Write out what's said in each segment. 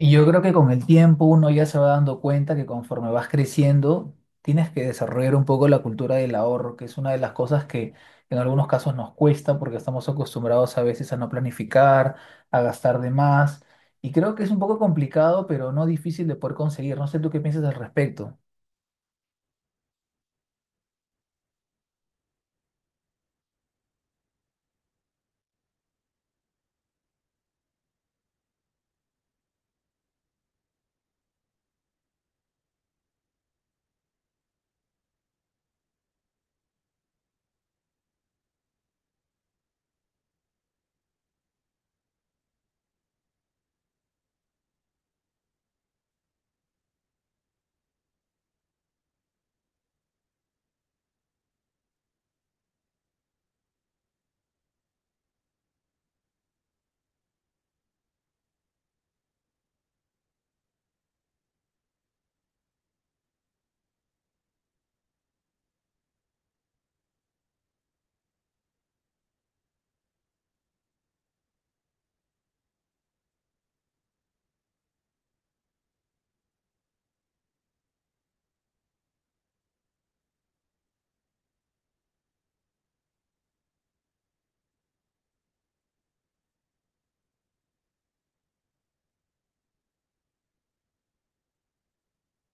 Y yo creo que con el tiempo uno ya se va dando cuenta que conforme vas creciendo, tienes que desarrollar un poco la cultura del ahorro, que es una de las cosas que en algunos casos nos cuesta porque estamos acostumbrados a veces a no planificar, a gastar de más. Y creo que es un poco complicado, pero no difícil de poder conseguir. No sé tú qué piensas al respecto.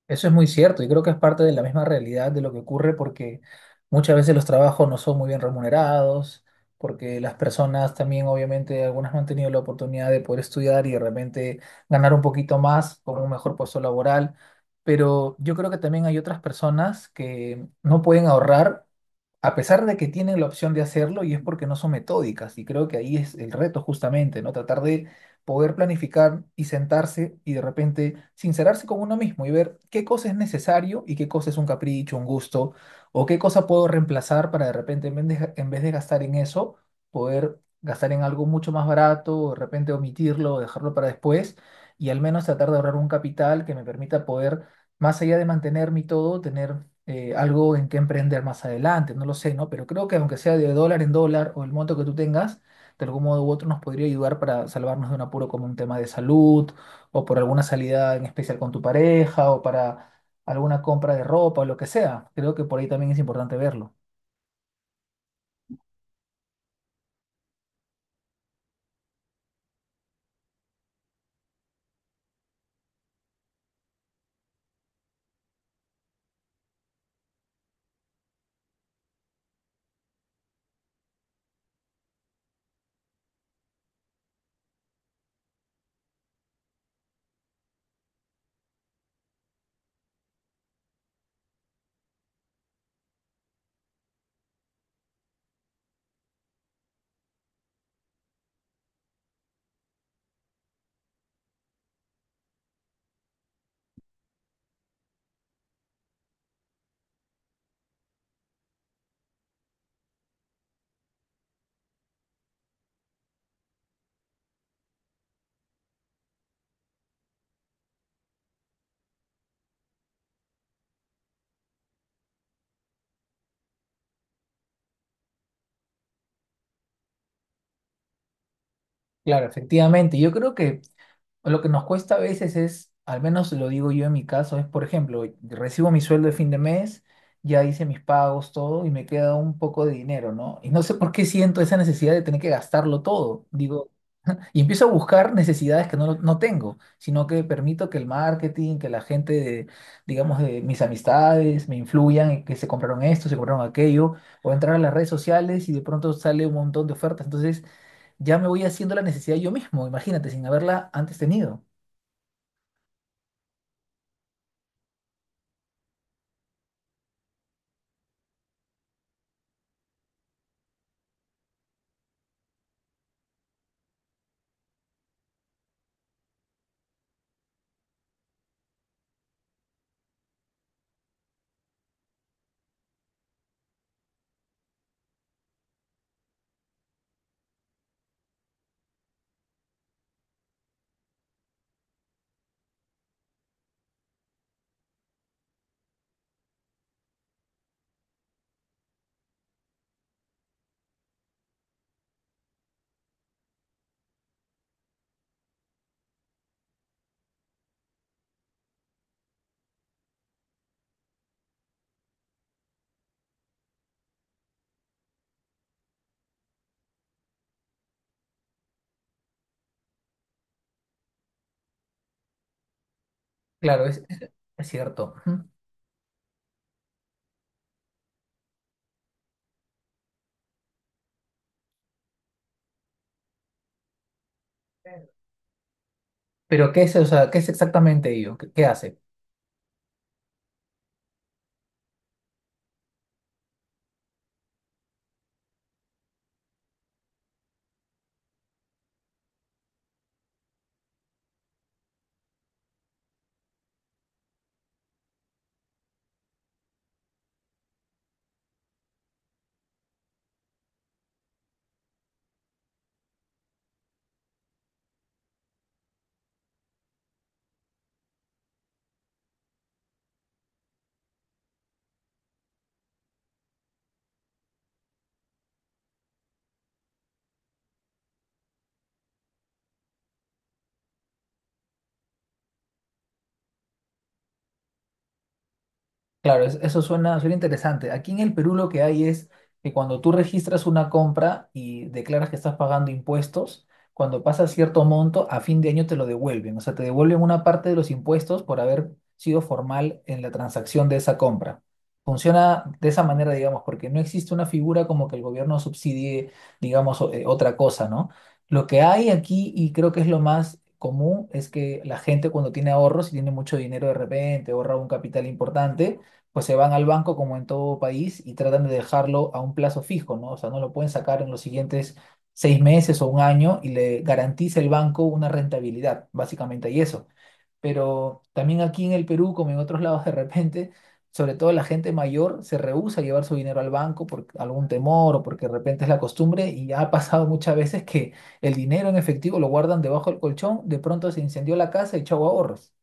Eso es muy cierto y creo que es parte de la misma realidad de lo que ocurre porque muchas veces los trabajos no son muy bien remunerados, porque las personas también obviamente algunas no han tenido la oportunidad de poder estudiar y de repente ganar un poquito más con un mejor puesto laboral, pero yo creo que también hay otras personas que no pueden ahorrar a pesar de que tienen la opción de hacerlo y es porque no son metódicas y creo que ahí es el reto justamente, ¿no? Tratar de poder planificar y sentarse y de repente sincerarse con uno mismo y ver qué cosa es necesario y qué cosa es un capricho, un gusto, o qué cosa puedo reemplazar para de repente en vez de gastar en eso, poder gastar en algo mucho más barato, o de repente omitirlo, o dejarlo para después y al menos tratar de ahorrar un capital que me permita poder, más allá de mantener mi todo, tener algo en que emprender más adelante, no lo sé, ¿no? Pero creo que aunque sea de dólar en dólar o el monto que tú tengas, de algún modo u otro nos podría ayudar para salvarnos de un apuro como un tema de salud o por alguna salida en especial con tu pareja o para alguna compra de ropa o lo que sea. Creo que por ahí también es importante verlo. Claro, efectivamente. Yo creo que lo que nos cuesta a veces es, al menos lo digo yo en mi caso, es, por ejemplo, recibo mi sueldo de fin de mes, ya hice mis pagos, todo, y me queda un poco de dinero, ¿no? Y no sé por qué siento esa necesidad de tener que gastarlo todo. Digo, y empiezo a buscar necesidades que no tengo, sino que permito que el marketing, que la gente de, digamos, de mis amistades me influyan, en que se compraron esto, se compraron aquello, o entrar a las redes sociales y de pronto sale un montón de ofertas. Entonces ya me voy haciendo la necesidad yo mismo, imagínate, sin haberla antes tenido. Claro, es cierto. Ujú. Pero ¿qué es, o sea, qué es exactamente ello? ¿Qué, qué hace? Claro, es- eso suena, suena interesante. Aquí en el Perú lo que hay es que cuando tú registras una compra y declaras que estás pagando impuestos, cuando pasa cierto monto, a fin de año te lo devuelven. O sea, te devuelven una parte de los impuestos por haber sido formal en la transacción de esa compra. Funciona de esa manera, digamos, porque no existe una figura como que el gobierno subsidie, digamos, o- otra cosa, ¿no? Lo que hay aquí, y creo que es lo más común, es que la gente cuando tiene ahorros y tiene mucho dinero de repente, ahorra un capital importante, pues se van al banco como en todo país y tratan de dejarlo a un plazo fijo, ¿no? O sea, no lo pueden sacar en los siguientes seis meses o un año y le garantiza el banco una rentabilidad, básicamente, y eso. Pero también aquí en el Perú, como en otros lados, de repente, sobre todo la gente mayor se rehúsa a llevar su dinero al banco por algún temor o porque de repente es la costumbre y ha pasado muchas veces que el dinero en efectivo lo guardan debajo del colchón, de pronto se incendió la casa y chau ahorros.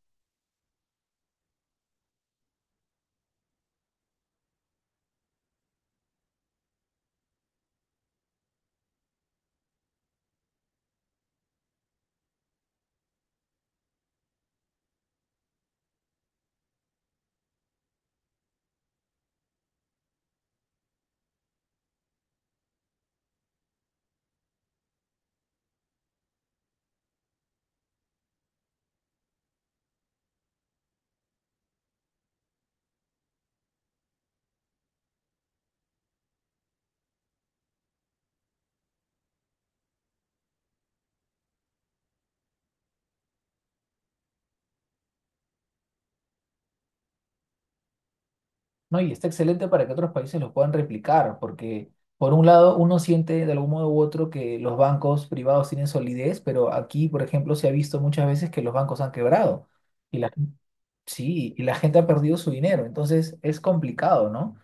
No, y está excelente para que otros países lo puedan replicar, porque por un lado uno siente de algún modo u otro que los bancos privados tienen solidez, pero aquí, por ejemplo, se ha visto muchas veces que los bancos han quebrado y la gente. Sí, y la gente ha perdido su dinero, entonces es complicado, ¿no?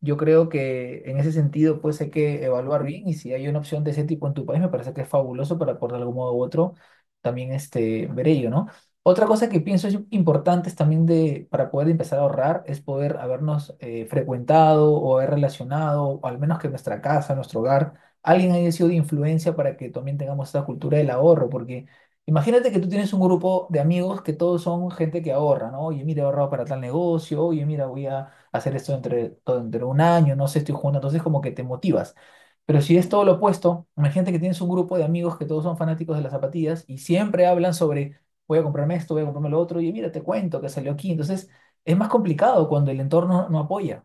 Yo creo que en ese sentido, pues hay que evaluar bien y si hay una opción de ese tipo en tu país, me parece que es fabuloso para por de algún modo u otro también este, ver ello, ¿no? Otra cosa que pienso es importante es también de, para poder empezar a ahorrar es poder habernos frecuentado o haber relacionado, o al menos que nuestra casa, nuestro hogar, alguien haya sido de influencia para que también tengamos esta cultura del ahorro, porque... Imagínate que tú tienes un grupo de amigos que todos son gente que ahorra, ¿no? Oye, mira, he ahorrado para tal negocio, oye, mira, voy a hacer esto entre, todo entre un año, no sé, estoy jugando, entonces como que te motivas. Pero si es todo lo opuesto, imagínate que tienes un grupo de amigos que todos son fanáticos de las zapatillas y siempre hablan sobre, voy a comprarme esto, voy a comprarme lo otro, y mira, te cuento que salió aquí. Entonces, es más complicado cuando el entorno no apoya.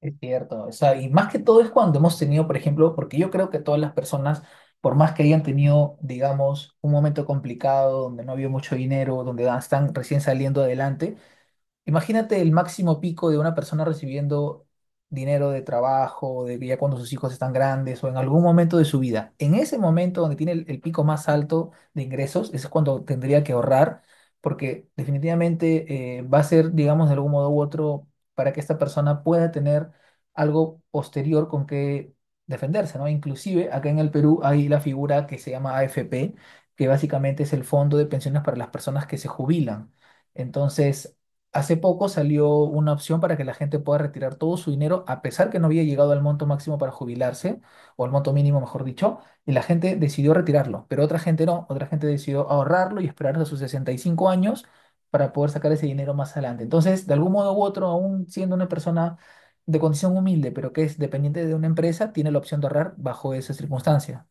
Es cierto, o sea, y más que todo es cuando hemos tenido, por ejemplo, porque yo creo que todas las personas, por más que hayan tenido, digamos, un momento complicado donde no había mucho dinero, donde están recién saliendo adelante. Imagínate el máximo pico de una persona recibiendo dinero de trabajo, de ya cuando sus hijos están grandes o en algún momento de su vida. En ese momento donde tiene el pico más alto de ingresos, ese es cuando tendría que ahorrar, porque definitivamente va a ser, digamos, de algún modo u otro, para que esta persona pueda tener algo posterior con que defenderse, ¿no? Inclusive acá en el Perú hay la figura que se llama AFP, que básicamente es el Fondo de Pensiones para las Personas que se Jubilan. Entonces, hace poco salió una opción para que la gente pueda retirar todo su dinero, a pesar que no había llegado al monto máximo para jubilarse, o al monto mínimo, mejor dicho, y la gente decidió retirarlo, pero otra gente no, otra gente decidió ahorrarlo y esperar hasta sus 65 años para poder sacar ese dinero más adelante. Entonces, de algún modo u otro, aún siendo una persona de condición humilde, pero que es dependiente de una empresa, tiene la opción de ahorrar bajo esa circunstancia.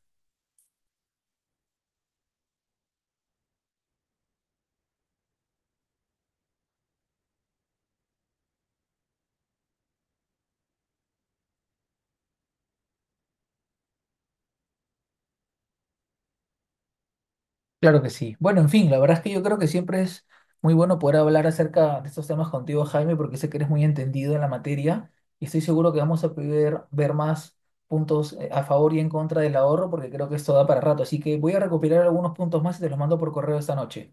Claro que sí. Bueno, en fin, la verdad es que yo creo que siempre es muy bueno poder hablar acerca de estos temas contigo, Jaime, porque sé que eres muy entendido en la materia y estoy seguro que vamos a poder ver más puntos a favor y en contra del ahorro, porque creo que esto da para rato. Así que voy a recopilar algunos puntos más y te los mando por correo esta noche.